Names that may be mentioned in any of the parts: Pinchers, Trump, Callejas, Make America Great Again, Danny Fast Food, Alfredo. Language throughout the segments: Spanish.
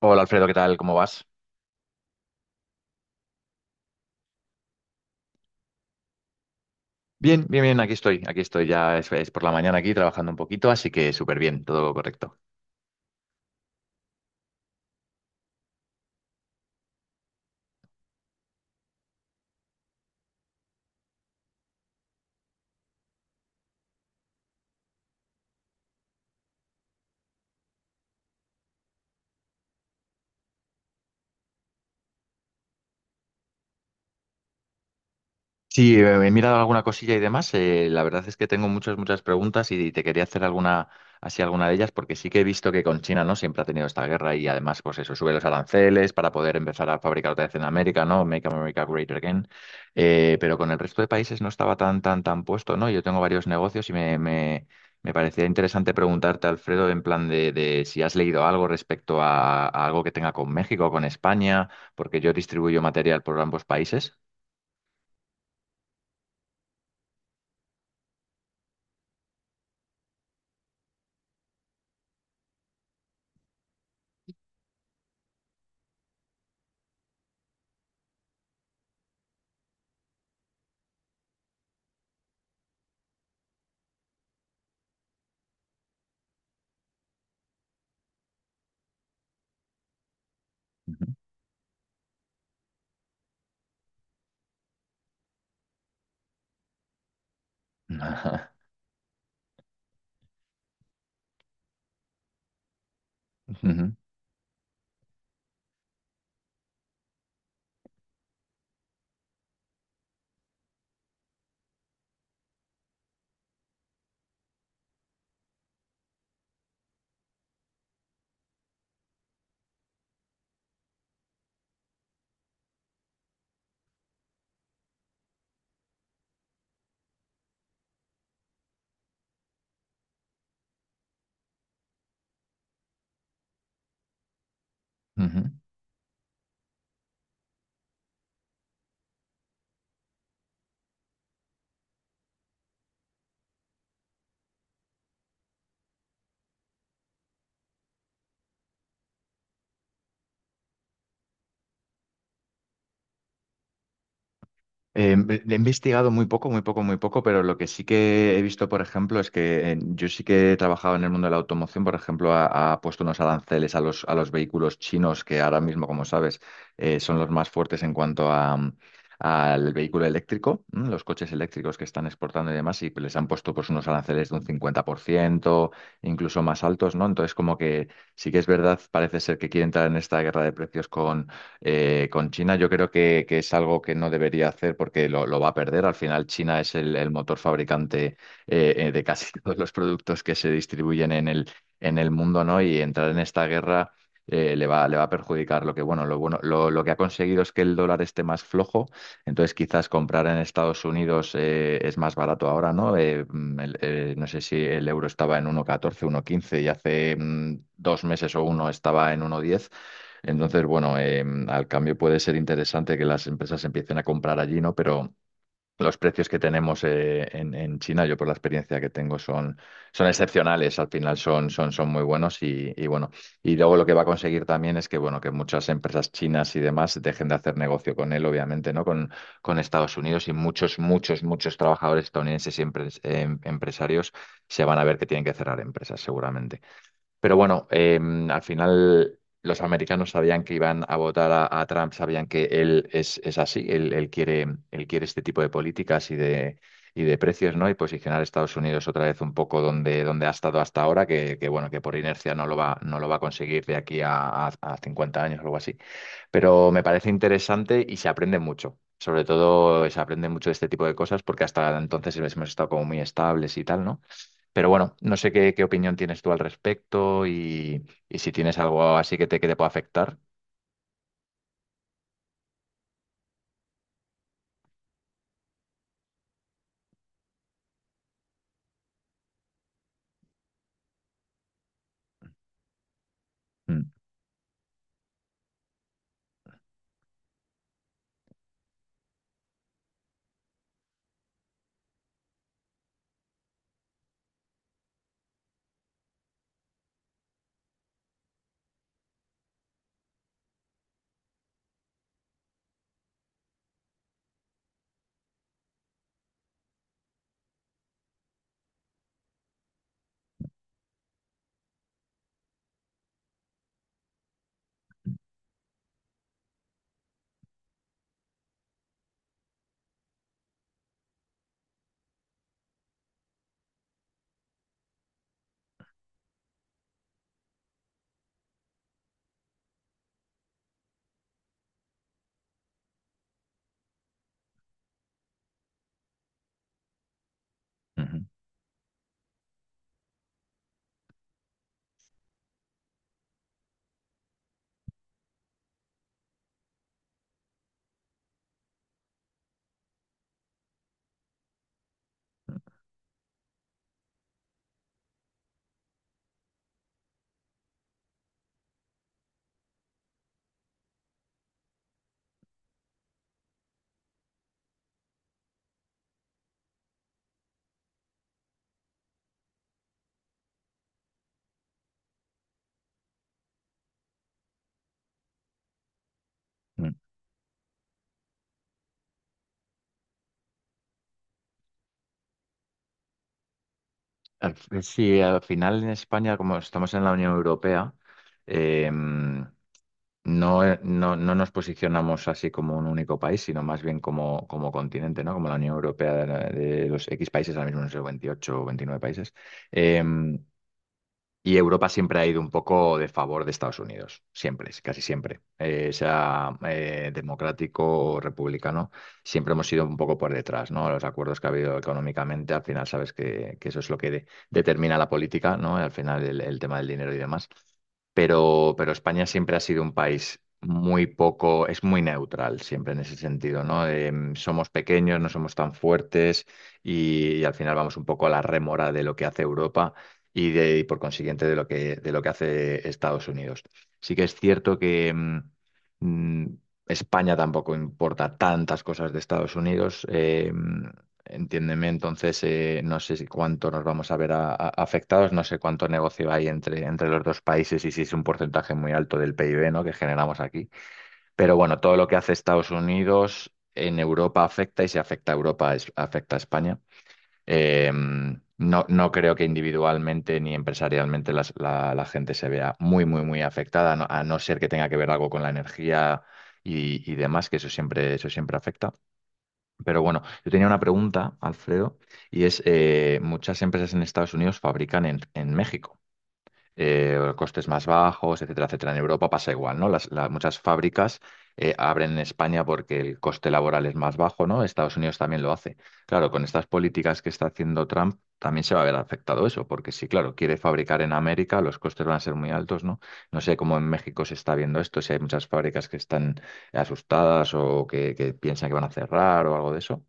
Hola Alfredo, ¿qué tal? ¿Cómo vas? Bien, bien, bien, aquí estoy, ya es por la mañana aquí trabajando un poquito, así que súper bien, todo correcto. Sí, he mirado alguna cosilla y demás. La verdad es que tengo muchas, muchas preguntas y te quería hacer alguna, así alguna de ellas, porque sí que he visto que con China, ¿no? Siempre ha tenido esta guerra y además, pues eso, sube los aranceles para poder empezar a fabricar otra vez en América, ¿no? Make America Great Again. Pero con el resto de países no estaba tan, tan, tan puesto, ¿no? Yo tengo varios negocios y me parecía interesante preguntarte, Alfredo, en plan de si has leído algo respecto a algo que tenga con México o con España, porque yo distribuyo material por ambos países. Ujú. Ujú, ujú. He investigado muy poco, muy poco, muy poco, pero lo que sí que he visto, por ejemplo, es que yo sí que he trabajado en el mundo de la automoción, por ejemplo, ha puesto unos aranceles a los vehículos chinos que ahora mismo, como sabes, son los más fuertes en cuanto al vehículo eléctrico, ¿m? Los coches eléctricos que están exportando y demás, y les han puesto pues unos aranceles de un 50%, incluso más altos, ¿no? Entonces, como que sí que es verdad, parece ser que quieren entrar en esta guerra de precios. Con China yo creo que es algo que no debería hacer porque lo va a perder. Al final China es el motor fabricante de casi todos los productos que se distribuyen en el mundo, ¿no? Y entrar en esta guerra le va a perjudicar. Bueno, lo bueno, lo que ha conseguido es que el dólar esté más flojo, entonces quizás comprar en Estados Unidos es más barato ahora, ¿no? No sé si el euro estaba en 1,14, quince y hace 2 meses o uno estaba en 1,10. Entonces, bueno, al cambio puede ser interesante que las empresas empiecen a comprar allí, ¿no? Pero los precios que tenemos en China, yo por la experiencia que tengo, son excepcionales. Al final son muy buenos y bueno. Y luego lo que va a conseguir también es que, bueno, que muchas empresas chinas y demás dejen de hacer negocio con él, obviamente, ¿no? Con Estados Unidos y muchos, muchos, muchos trabajadores estadounidenses y empresarios se van a ver que tienen que cerrar empresas, seguramente. Pero bueno, al final los americanos sabían que iban a votar a Trump, sabían que él es así, él quiere este tipo de políticas y de precios, ¿no? Y posicionar a Estados Unidos otra vez un poco donde, donde ha estado hasta ahora, que bueno, que por inercia no lo va a conseguir de aquí a 50 años o algo así. Pero me parece interesante y se aprende mucho. Sobre todo se aprende mucho de este tipo de cosas porque hasta entonces hemos estado como muy estables y tal, ¿no? Pero bueno, no sé qué opinión tienes tú al respecto y si tienes algo así que te pueda afectar. Mm, ujú, mm. Sí, al final en España, como estamos en la Unión Europea, eh, no, no nos posicionamos así como un único país, sino más bien como, como continente, ¿no? Como la Unión Europea de los X países, ahora mismo no sé, 28 o 29 países. Em, Y Europa siempre ha ido un poco de favor de Estados Unidos, siempre, casi siempre. Sea democrático o republicano, siempre hemos sido un poco por detrás, ¿no? Los acuerdos que ha habido económicamente, al final sabes que eso es lo que determina la política, ¿no? Al final el tema del dinero y demás. Pero España siempre ha sido un país muy poco, es muy neutral siempre en ese sentido, ¿no? Somos pequeños, no somos tan fuertes y al final vamos un poco a la rémora de lo que hace Europa y por consiguiente de lo que hace Estados Unidos. Sí que es cierto que mm, España tampoco importa tantas cosas de Estados Unidos. Entiéndeme, entonces no sé si cuánto nos vamos a ver afectados, no sé cuánto negocio hay entre los dos países y si es un porcentaje muy alto del PIB, ¿no? Que generamos aquí. Pero bueno, todo lo que hace Estados Unidos en Europa afecta y si afecta a Europa afecta a España. Eh, no, no creo que individualmente ni empresarialmente la gente se vea muy, muy, muy afectada, a no ser que tenga que ver algo con la energía y demás, que eso siempre afecta. Pero bueno, yo tenía una pregunta, Alfredo, y es, muchas empresas en Estados Unidos fabrican en México costes más bajos, etcétera, etcétera. En Europa pasa igual, ¿no? Muchas fábricas abren en España porque el coste laboral es más bajo, ¿no? Estados Unidos también lo hace. Claro, con estas políticas que está haciendo Trump también se va a ver afectado eso, porque si, claro, quiere fabricar en América, los costes van a ser muy altos, ¿no? No sé cómo en México se está viendo esto, si hay muchas fábricas que están asustadas o que piensan que van a cerrar o algo de eso.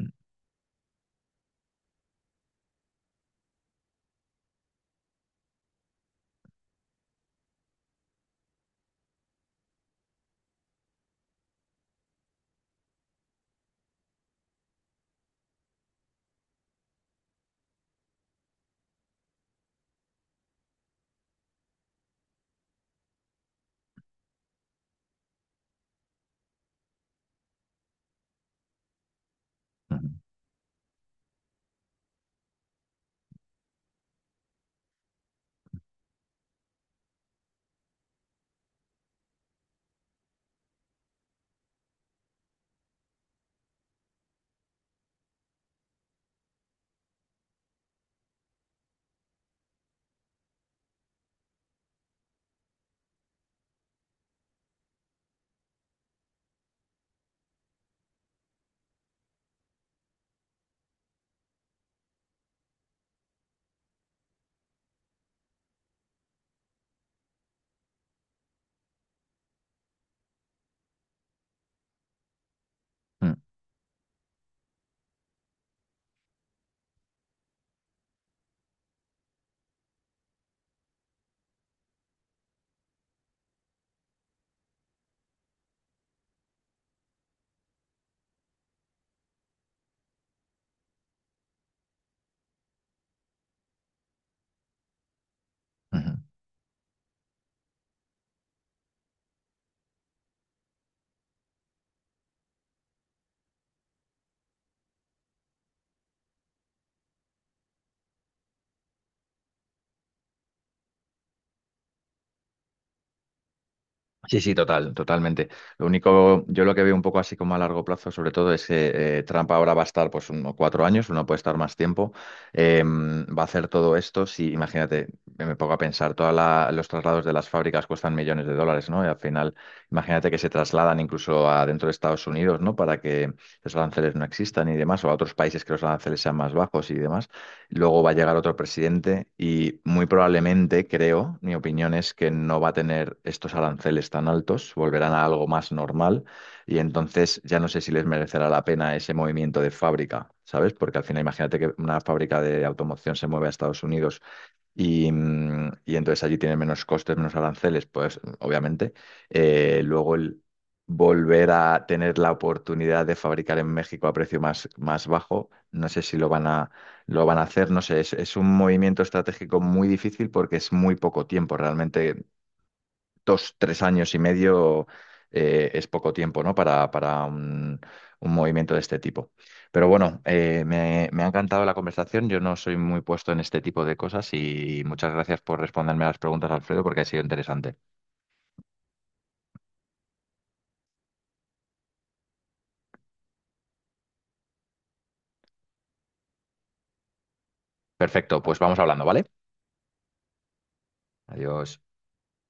Mm, ujú, mm, ujú. Sí, sí, total, totalmente. Lo único, yo lo que veo un poco así como a largo plazo, sobre todo, es que Trump ahora va a estar pues unos 4 años, uno puede estar más tiempo, va a hacer todo esto. Si, imagínate, me pongo a pensar, todos los traslados de las fábricas cuestan millones de dólares, ¿no? Y al final, imagínate que se trasladan incluso a dentro de Estados Unidos, ¿no? Para que los aranceles no existan y demás, o a otros países que los aranceles sean más bajos y demás. Luego va a llegar otro presidente y muy probablemente, creo, mi opinión es que no va a tener estos aranceles tan altos, volverán a algo más normal y entonces ya no sé si les merecerá la pena ese movimiento de fábrica, ¿sabes? Porque al final imagínate que una fábrica de automoción se mueve a Estados Unidos y entonces allí tiene menos costes, menos aranceles, pues obviamente. Luego el volver a tener la oportunidad de fabricar en México a precio más bajo, no sé si lo van a hacer, no sé, es un movimiento estratégico muy difícil porque es muy poco tiempo, realmente dos, tres años y medio es poco tiempo, ¿no? Para un movimiento de este tipo. Pero bueno, me ha encantado la conversación. Yo no soy muy puesto en este tipo de cosas y muchas gracias por responderme a las preguntas, Alfredo, porque ha sido interesante. Perfecto, pues vamos hablando, ¿vale? Adiós.